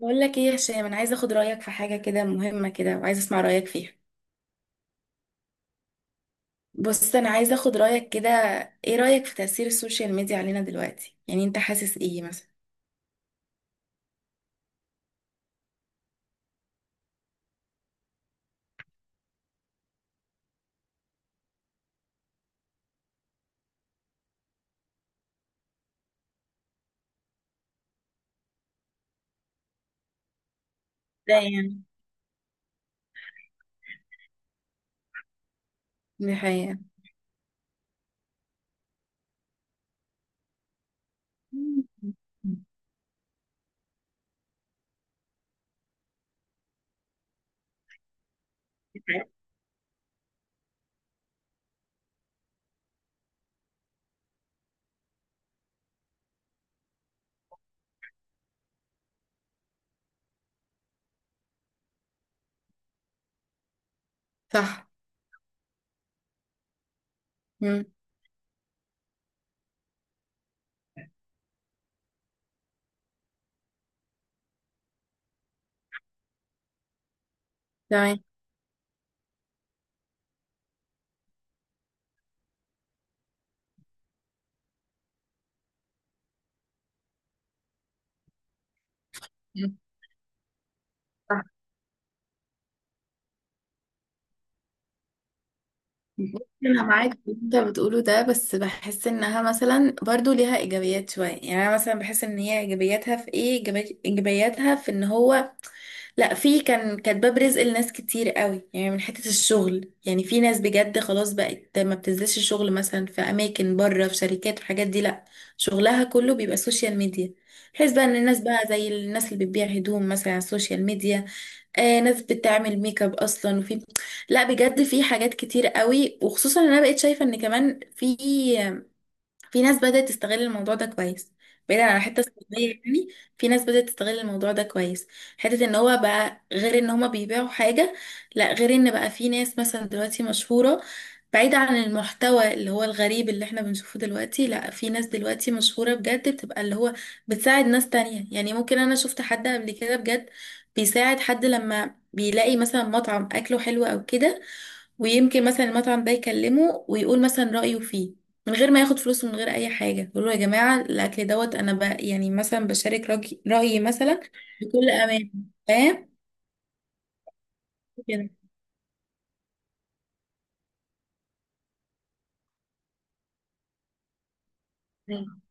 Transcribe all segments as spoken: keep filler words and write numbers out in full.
بقول لك ايه يا هشام، انا عايزه اخد رايك في حاجه كده مهمه كده، وعايزه اسمع رايك فيها. بص، انا عايزه اخد رايك كده. ايه رايك في تاثير السوشيال ميديا علينا دلوقتي؟ يعني انت حاسس ايه مثلا؟ ده يعني. دي حقيقة. صح. مم. تمام. مم. صح. بص، انا معاك في اللي انت بتقوله ده، بس بحس انها مثلا برضو ليها ايجابيات شويه. يعني انا مثلا بحس ان هي ايجابياتها في ايه، إيجابي- ايجابياتها في ان هو لا، في كان كانت باب رزق لناس كتير قوي. يعني من حتة الشغل، يعني في ناس بجد خلاص بقت ما بتنزلش الشغل مثلا في اماكن بره، في شركات والحاجات دي، لا، شغلها كله بيبقى سوشيال ميديا. بحيث بقى ان الناس بقى زي الناس اللي بتبيع هدوم مثلا على السوشيال ميديا. آه، ناس بتعمل ميك اب اصلا، وفي لا بجد في حاجات كتير قوي. وخصوصا إن انا بقيت شايفة ان كمان في في ناس بدأت تستغل الموضوع ده كويس، بعيدا عن حتة السلبية. يعني في ناس بدأت تستغل الموضوع ده كويس. حتة ان هو بقى غير ان هما بيبيعوا حاجة، لا، غير ان بقى في ناس مثلا دلوقتي مشهورة. بعيدا عن المحتوى اللي هو الغريب اللي احنا بنشوفه دلوقتي، لا، في ناس دلوقتي مشهورة بجد بتبقى اللي هو بتساعد ناس تانية. يعني ممكن انا شفت حد قبل كده بجد بيساعد حد لما بيلاقي مثلا مطعم اكله حلو او كده، ويمكن مثلا المطعم ده يكلمه ويقول مثلا رأيه فيه من غير ما ياخد فلوس ومن غير اي حاجه، يقول له يا جماعه الاكل دوت انا ب... يعني مثلا بشارك رأي- رايي مثلا بكل امان. فاهم كده. أيوة.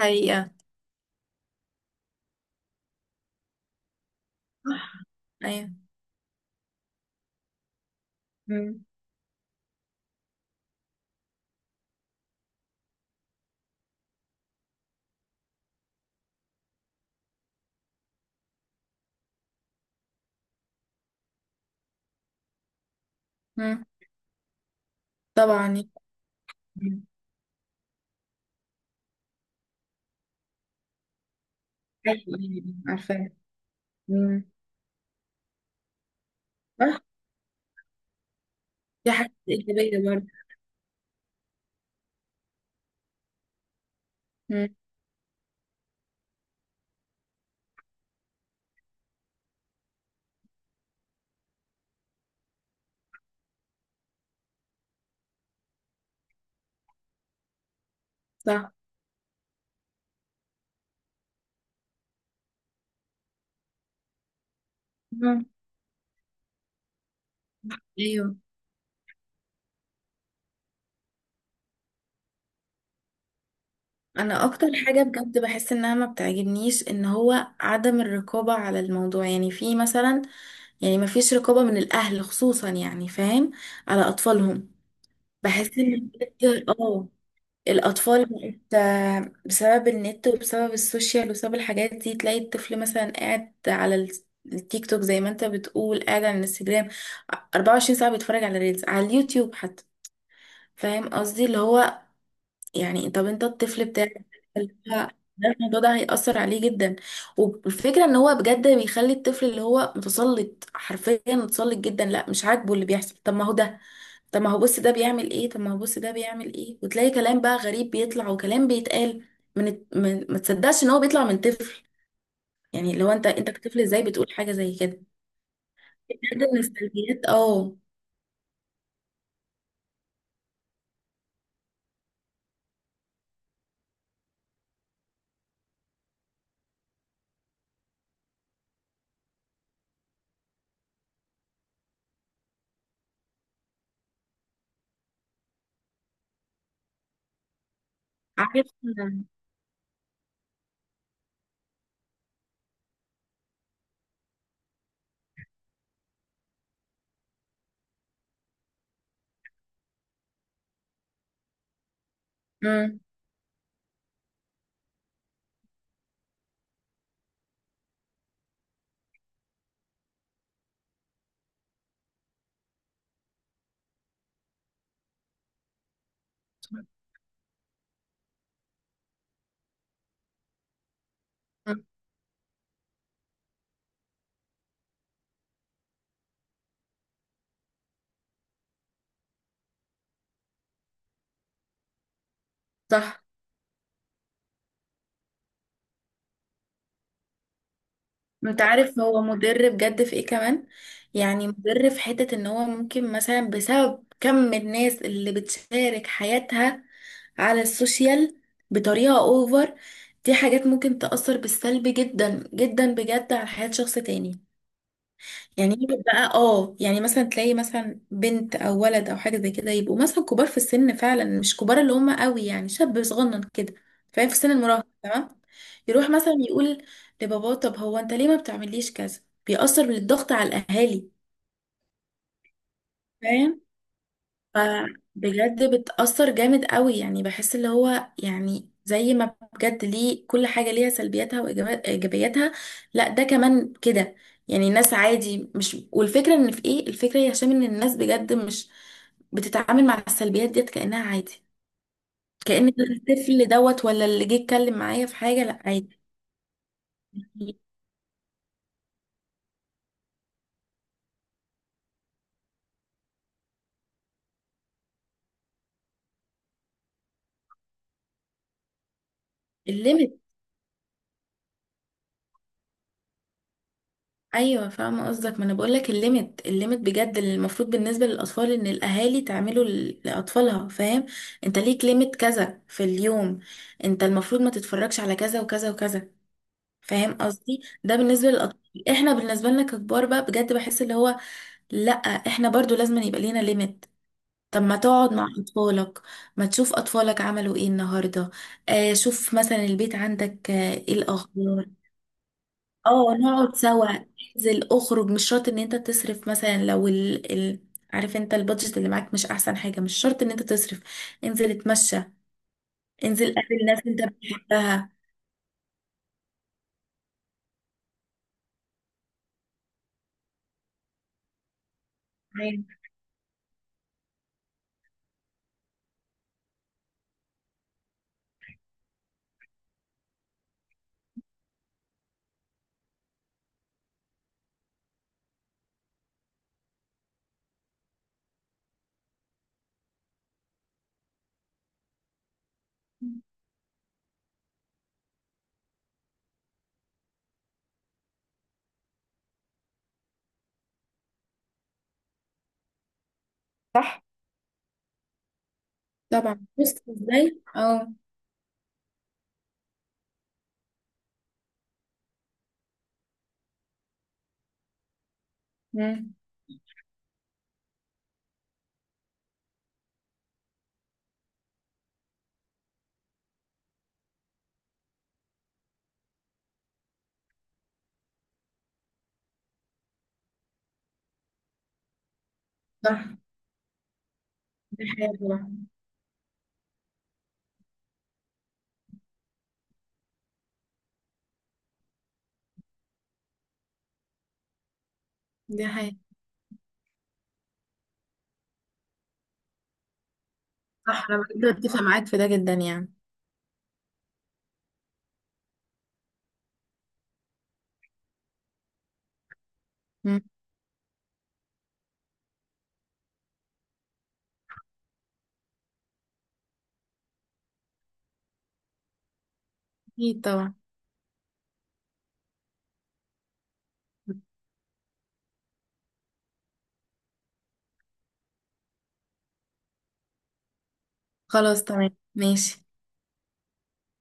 حقيقة. ايوه. مم. مم. طبعا يعني. مم. ايوه. أيوة، عارفاه. مم. صح. دي حاجه ايجابيه برضه. مم. صح. مم. ايوه. انا اكتر حاجه بجد بحس انها ما بتعجبنيش ان هو عدم الرقابه على الموضوع. يعني في مثلا، يعني مفيش رقابة من الأهل خصوصا، يعني فاهم، على أطفالهم. بحس إن بجد اه الأطفال بقت آه، بسبب النت وبسبب السوشيال وبسبب الحاجات دي، تلاقي الطفل مثلا قاعد على ال- التيك توك، زي ما انت بتقول، قاعد على الانستجرام اربعة وعشرين ساعة بيتفرج على ريلز، على اليوتيوب حتى. فاهم قصدي اللي هو، يعني طب انت الطفل بتاعك ده، الموضوع ده هيأثر عليه جدا. والفكرة ان هو بجد بيخلي الطفل اللي هو متسلط، حرفيا متسلط جدا. لا مش عاجبه اللي بيحصل، طب ما هو ده، طب ما هو بص ده بيعمل ايه، طب ما هو بص ده بيعمل ايه. وتلاقي كلام بقى غريب بيطلع، وكلام بيتقال من, الت- من ما تصدقش ان هو بيطلع من طفل. يعني لو انت انت كطفل ازاي بتقول حاجة زي كده؟ بجد من السلبيات اه. عارف. امم. صح. انت عارف هو مضر بجد في ايه كمان؟ يعني مضر في حتة ان هو ممكن مثلا بسبب كم الناس اللي بتشارك حياتها على السوشيال بطريقة اوفر، دي حاجات ممكن تأثر بالسلب جدا جدا بجد على حياة شخص تاني. يعني يجي بقى اه، يعني مثلا تلاقي مثلا بنت او ولد او حاجه زي كده، يبقوا مثلا كبار في السن، فعلا مش كبار اللي هم قوي، يعني شاب صغنن كده، فاهم، في سن المراهقه. تمام. يروح مثلا يقول لباباه طب هو انت ليه ما بتعمليش كذا. بيأثر بالضغط على الاهالي، فاهم. فبجد بتأثر جامد قوي. يعني بحس اللي هو يعني زي ما بجد ليه، كل حاجة ليها سلبياتها وإيجابياتها، لا ده كمان كده. يعني الناس عادي مش، والفكرة إن في إيه، الفكرة يا هشام إن الناس بجد مش بتتعامل مع السلبيات ديت كأنها عادي، كأن الطفل دوت ولا اللي جه يتكلم معايا في حاجة لا عادي. الليمت. ايوه فاهمه قصدك، ما انا بقول لك الليميت الليميت بجد اللي المفروض بالنسبه للاطفال ان الاهالي تعمله ل- لاطفالها، فاهم. انت ليك ليميت كذا في اليوم، انت المفروض ما تتفرجش على كذا وكذا وكذا، فاهم قصدي. ده بالنسبه للاطفال، احنا بالنسبه لنا ككبار بقى بجد بحس اللي هو لا، احنا برضو لازم يبقى لينا ليميت. طب ما تقعد مع اطفالك، ما تشوف اطفالك عملوا ايه النهارده. آه شوف مثلا البيت عندك آه ايه الاخبار. اه نقعد سوا. انزل اخرج، مش شرط ان انت تصرف، مثلا لو ال... ال... عارف انت البادجت اللي معاك مش احسن حاجة، مش شرط ان انت تصرف، انزل اتمشى، انزل قابل ناس انت بتحبها. أيوة. صح طبعا. بص ازاي اه. مم. صح. دي حقيقة طبعا. دي حقيقة. صح. انا بجد اتفق معاك في ده جدا يعني. مم. اكيد طبعا. خلاص تمام ماشي.